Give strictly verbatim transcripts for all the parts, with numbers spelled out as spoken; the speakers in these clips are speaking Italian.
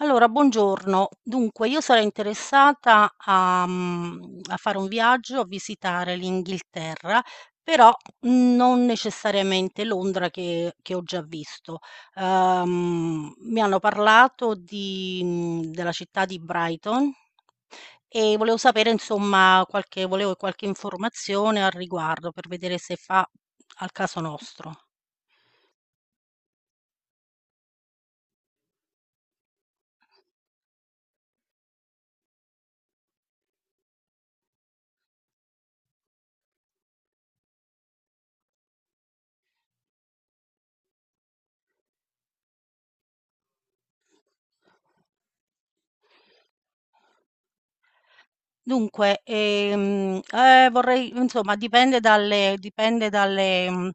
Allora, buongiorno. Dunque, io sarei interessata a mhmm, a fare un viaggio, a visitare l'Inghilterra, però non necessariamente Londra che che ho già visto. Uhm, mi hanno parlato di mhmm, della città di Brighton e volevo sapere insomma qualche volevo qualche informazione al riguardo per vedere se fa al caso nostro. Dunque, ehm, eh, vorrei insomma dipende dalle dipende dalle mhmm,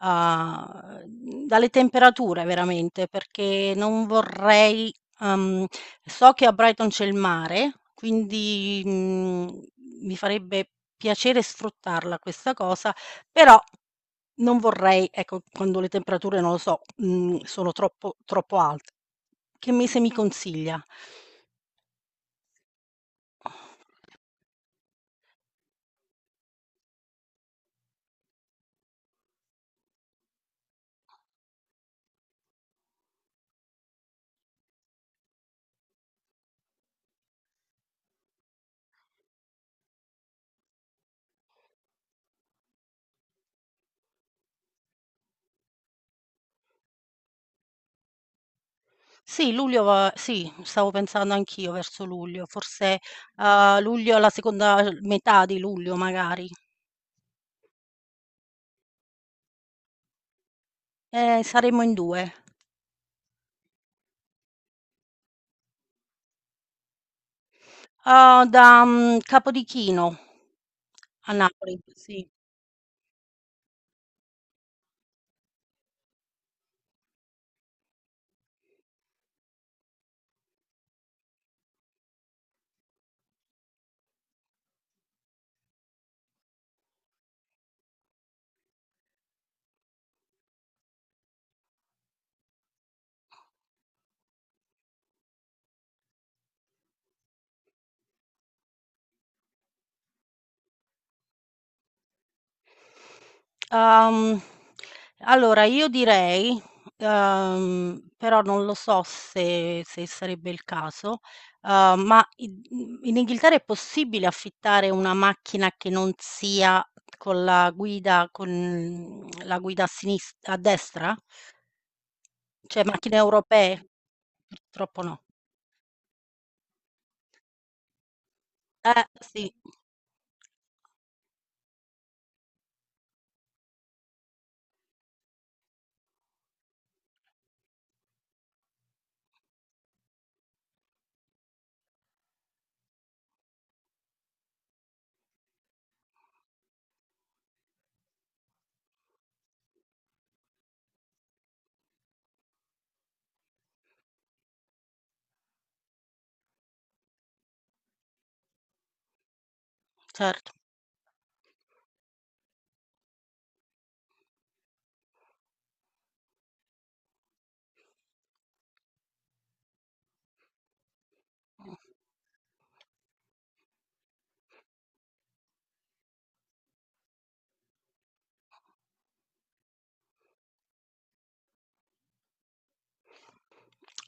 uhm, dalle temperature veramente, perché non vorrei. uhm, so che a Brighton c'è il mare, quindi, mhmm, mi farebbe piacere sfruttarla questa cosa, però non vorrei, ecco, quando le temperature, non lo so, mhmm, sono troppo troppo alte. Che mese mi consiglia? Sì, luglio va. Sì, stavo pensando anch'io verso luglio, forse, uhm, luglio la seconda metà di luglio magari. Ehm, saremmo in due. Uhm, da, mhmm, Capodichino a Napoli, sì. Uhm, allora io direi, uhm, però non lo so se se sarebbe il caso, uhm, ma in mhmm, in Inghilterra è possibile affittare una macchina che non sia con la guida con, mhmm, la guida a sinis a destra? Cioè macchine europee? Purtroppo no. Eh, sì, cer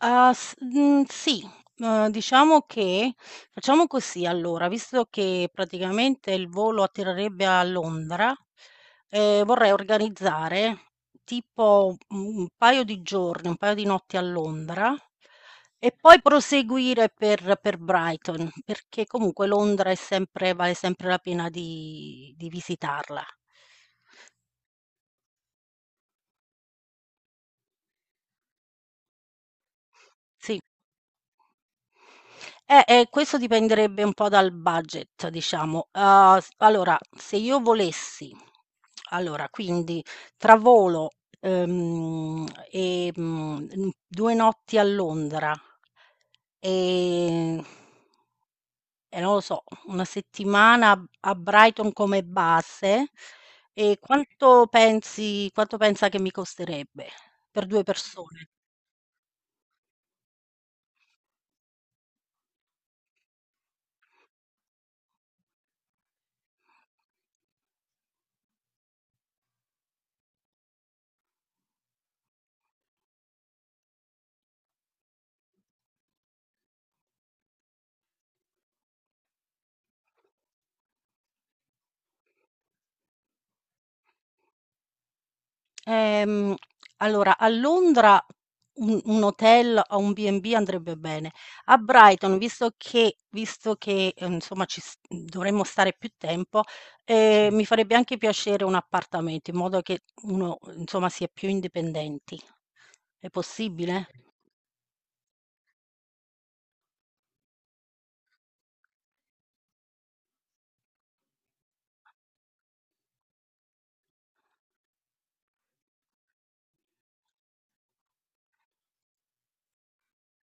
Ah, s mhmm, sì. Uhm, diciamo che facciamo così allora, visto che praticamente il volo atterrerebbe a Londra, ehm, vorrei organizzare tipo, mhmm, un paio di giorni, un paio di notti a Londra e poi proseguire per per Brighton, perché comunque Londra è sempre vale sempre la pena di di visitarla. Sì. Eh, ehm, questo dipenderebbe un po' dal budget, diciamo. Uhm, s allora se io volessi allora quindi tra volo, ehm, e, mhmm, mhmm, due notti a Londra, ehm, e non lo so, una settimana a a Brighton come base, ehm, quanto pensi quanto pensa che mi costerebbe per due persone? Ehm, allora a Londra un un hotel o un B e B andrebbe bene. A Brighton, visto che visto che, ehm, insomma ci s dovremmo stare più tempo, ehm, sì. Mi farebbe anche piacere un appartamento, in modo che uno, insomma, si è più indipendenti. È possibile?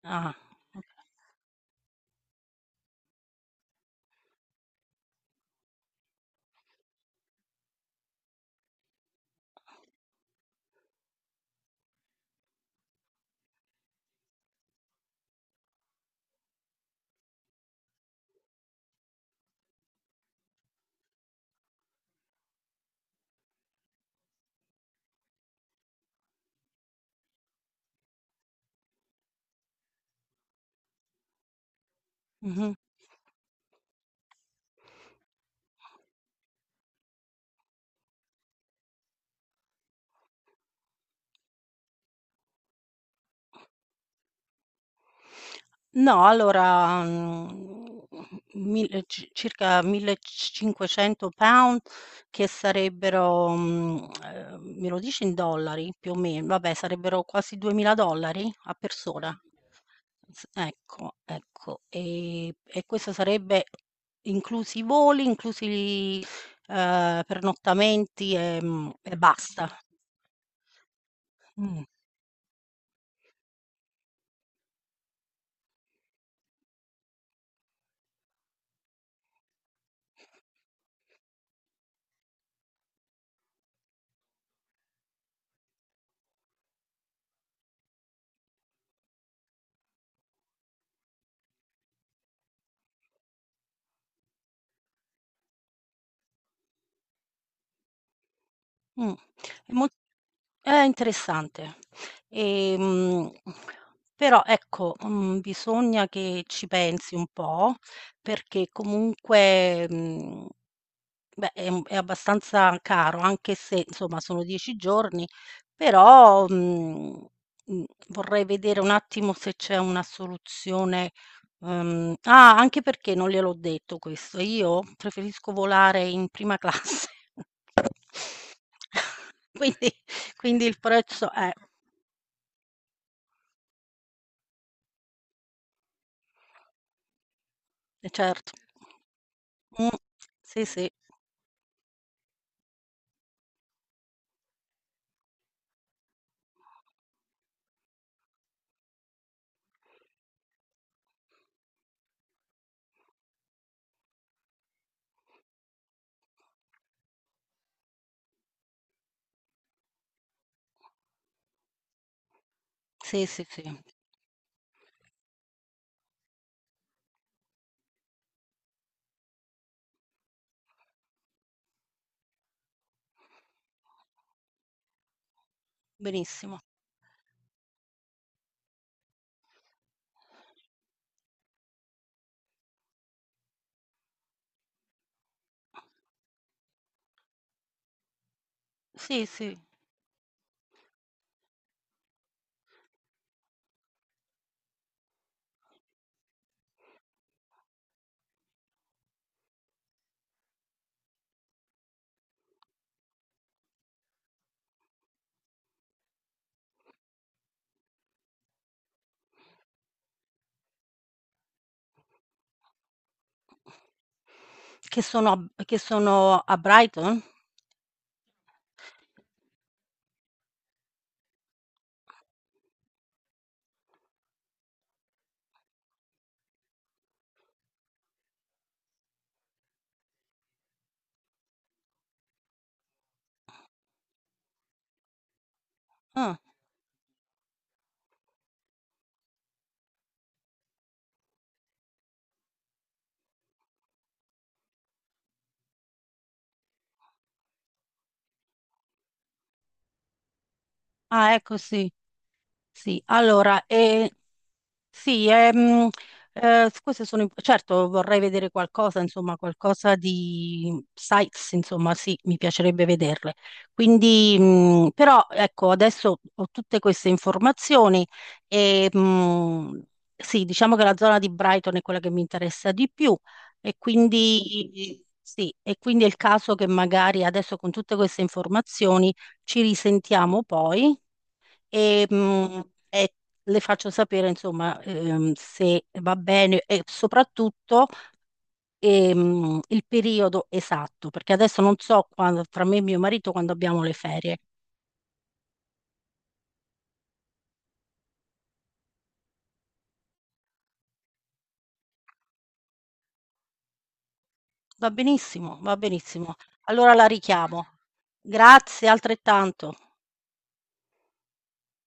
Ah. Mh-mh. No, allora, mhmm, mil ci circa millecinquecento £, che sarebbero, mhmm, ehm, me lo dici in dollari? Più o men vabbè, sarebbero quasi duemila $ a persona. S ecco, ecco. E e questo sarebbe inclusi i voli, inclusi, ehm, pernottamenti, ehm, e basta. Mh. Mh. È mol è interessante. Ehm, però ecco, mhmm, bisogna che ci pensi un po', perché comunque, mhmm, beh, è un è abbastanza caro, anche se insomma sono dieci giorni, però, mhmm, mhmm, vorrei vedere un attimo se c'è una soluzione, uhm ah, anche perché non gliel'ho detto questo, io preferisco volare in prima classe. Quindi quindi il prezzo eh, Eh, certo. Mh, sì, sì. Sì, sì, sì. Benissimo. Sì, sì. Che sono a b che sono a Brighton? Ah. Ah, ecco sì. Sì, allora, eh, sì, ehm, eh, queste sono, imp- certo vorrei vedere qualcosa, insomma, qualcosa di sites, insomma, sì, mi piacerebbe vederle. Quindi, mh, però, ecco, adesso ho tutte queste informazioni e, mh, sì, diciamo che la zona di Brighton è quella che mi interessa di più e quindi, sì, e quindi è il caso che magari adesso con tutte queste informazioni ci risentiamo poi e, mh, e le faccio sapere, insomma, ehm, se va bene e soprattutto ehm, il periodo esatto, perché adesso non so quando, tra me e mio marito, quando abbiamo le ferie. Va benissimo, va benissimo. Allora la richiamo. Grazie altrettanto.